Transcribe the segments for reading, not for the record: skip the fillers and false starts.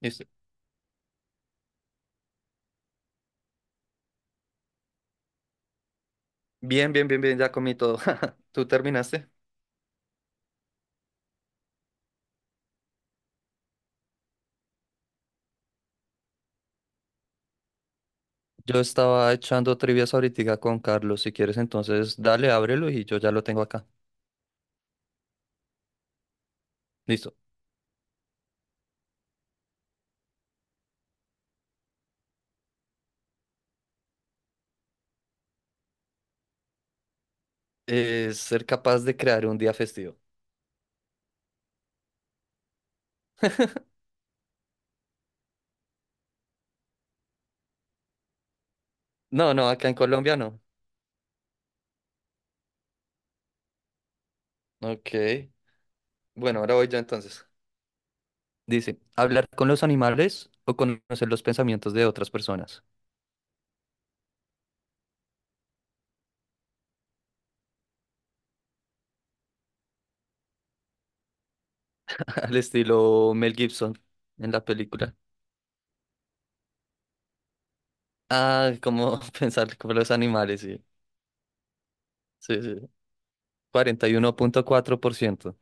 Listo. Bien, bien, bien, bien, ya comí todo. ¿Tú terminaste? Yo estaba echando trivias ahorita con Carlos. Si quieres, entonces dale, ábrelo y yo ya lo tengo acá. Listo. Ser capaz de crear un día festivo. No, no, acá en Colombia no. Ok. Bueno, ahora voy yo entonces. Dice, hablar con los animales o conocer los pensamientos de otras personas. Al estilo Mel Gibson en la película. Ah, como pensar con los animales, sí. Sí, sí. 41,4%.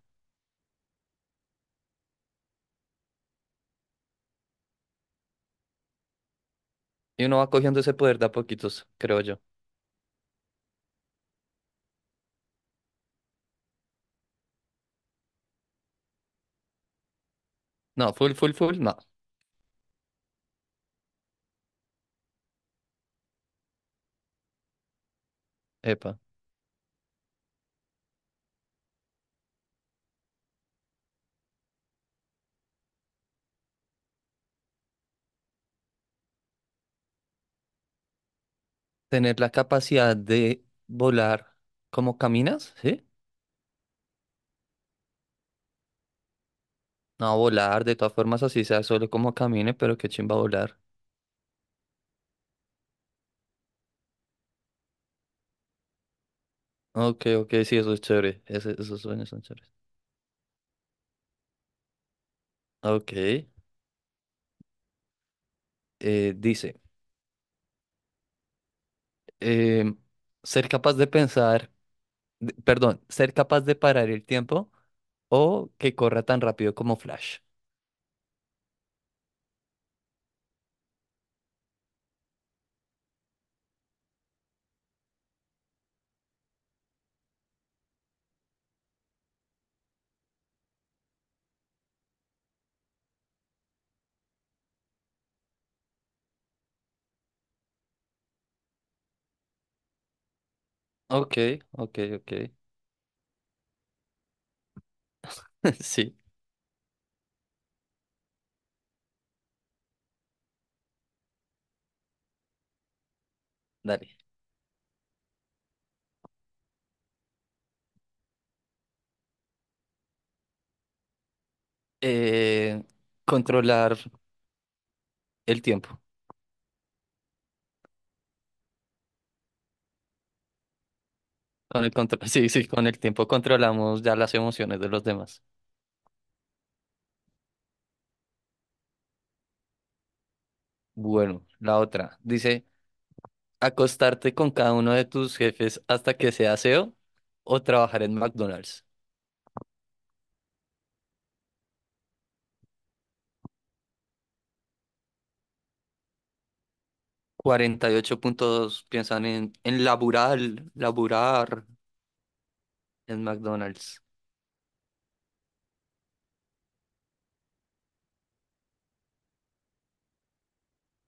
Y uno va cogiendo ese poder de a poquitos, creo yo. No, full, full, full, no. Epa. Tener la capacidad de volar como caminas, ¿sí? No, volar, de todas formas, así sea solo como camine, pero qué chimba volar. Ok, ok, sí, eso es chévere. Esos sueños son chéveres. Ok. Dice, em, ser capaz de pensar, perdón, ser capaz de parar el tiempo o que corra tan rápido como Flash. Ok, ok, ok. Sí, dale. eh, Controlar el tiempo. Sí, sí, con el tiempo controlamos ya las emociones de los demás. Bueno, la otra dice, acostarte con cada uno de tus jefes hasta que sea CEO o trabajar en McDonald's. 48.2 piensan en laburar, laburar en McDonald's.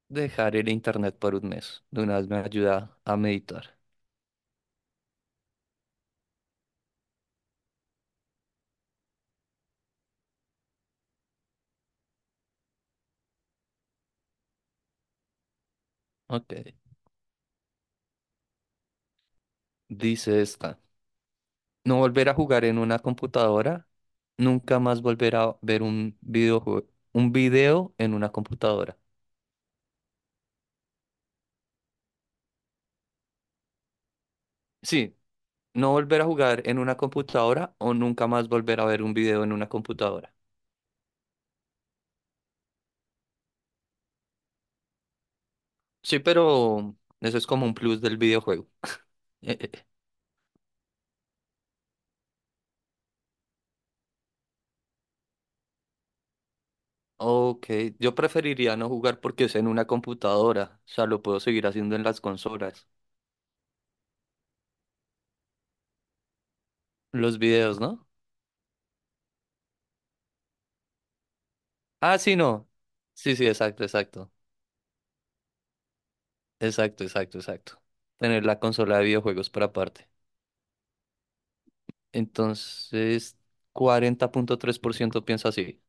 Dejar el internet por un mes. De una vez me ayuda a meditar. Ok. Dice esta. No volver a jugar en una computadora, nunca más volver a ver un videojuego, un video en una computadora. Sí, no volver a jugar en una computadora o nunca más volver a ver un video en una computadora. Sí, pero eso es como un plus del videojuego. Eh, eh, eh. Ok, yo preferiría no jugar porque es en una computadora, o sea, lo puedo seguir haciendo en las consolas. Los videos, ¿no? Ah, sí, no. Sí, sí, exacto, exacto. Exacto, exacto, exacto. Tener la consola de videojuegos para aparte. Entonces, 40,3% piensa así.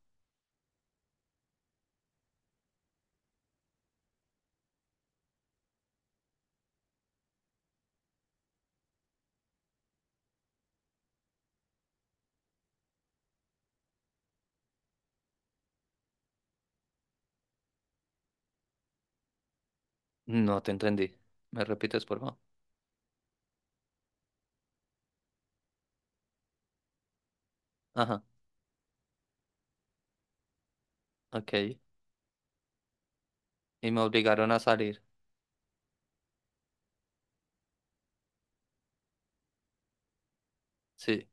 No te entendí. ¿Me repites, por favor? Ajá, ok. Y me obligaron a salir. Sí.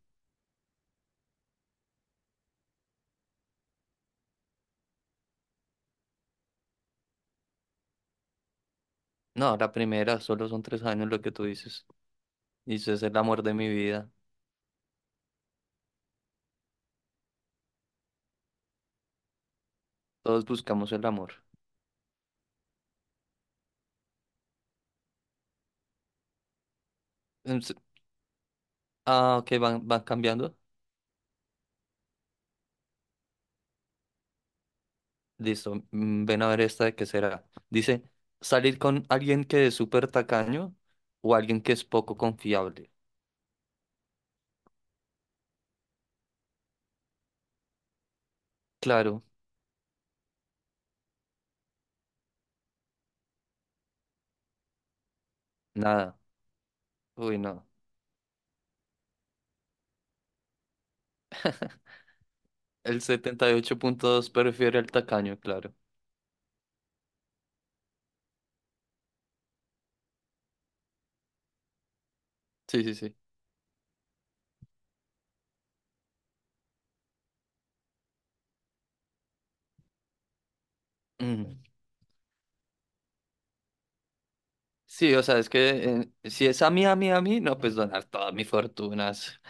No, la primera, solo son tres años lo que tú dices. Dices el amor de mi vida. Todos buscamos el amor. Em, s- Ah, ok, van, van cambiando. Listo. Ven a ver esta de qué será. Dice, salir con alguien que es súper tacaño o alguien que es poco confiable. Claro, nada. Uy, no. El 78,2 prefiere al tacaño, claro. Sí, sí, sí. Mm. Sí, o sea, es que si es a mí, no, pues donar todas mis fortunas.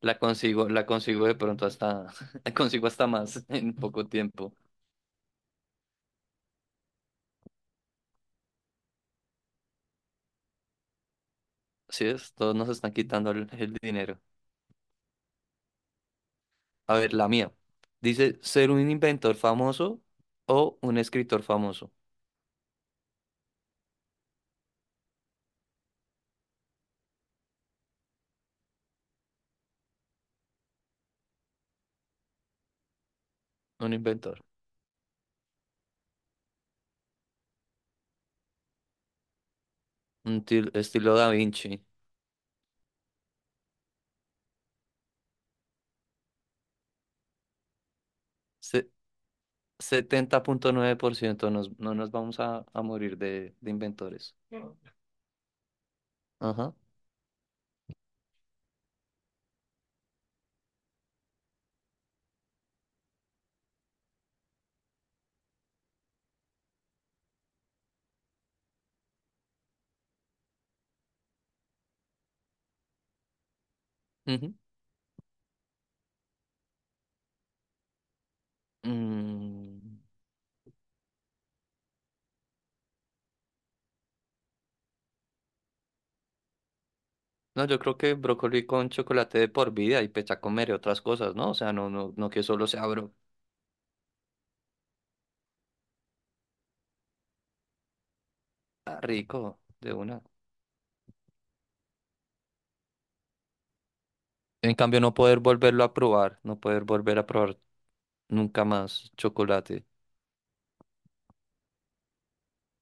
La consigo de pronto hasta, la consigo hasta más en poco tiempo. Así es, todos nos están quitando el dinero. A ver, la mía. Dice, ser un inventor famoso o un escritor famoso. Un inventor. Estilo Da Vinci. Se- 70,9% no nos vamos a morir de inventores. Ajá. Ujú. Mm, no, yo creo que brócoli con chocolate de por vida y pues ya comeré otras cosas, ¿no? O sea, no, no, no que solo sea bro. Ah, rico, de una. En cambio, no poder volverlo a probar, no poder volver a probar nunca más chocolate.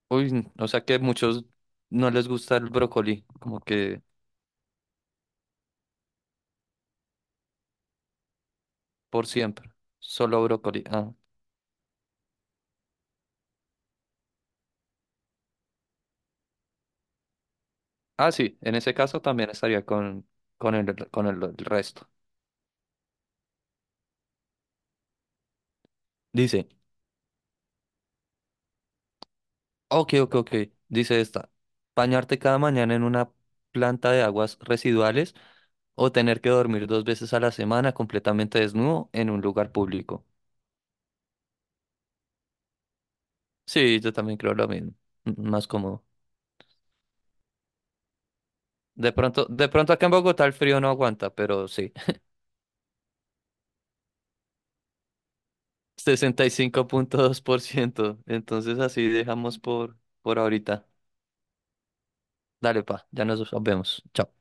Uy, o sea que muchos no les gusta el brócoli, como que por siempre, solo brócoli. Ah, ah, sí, en ese caso también estaría con el, con el resto. Dice. Ok, ok, ok. Dice esta. Bañarte cada mañana en una planta de aguas residuales o tener que dormir dos veces a la semana completamente desnudo en un lugar público. Sí, yo también creo lo mismo. M- Más cómodo. De pronto acá en Bogotá el frío no aguanta, pero sí. 65,2%. Entonces así dejamos por ahorita. Dale, pa, ya nos vemos. Chao.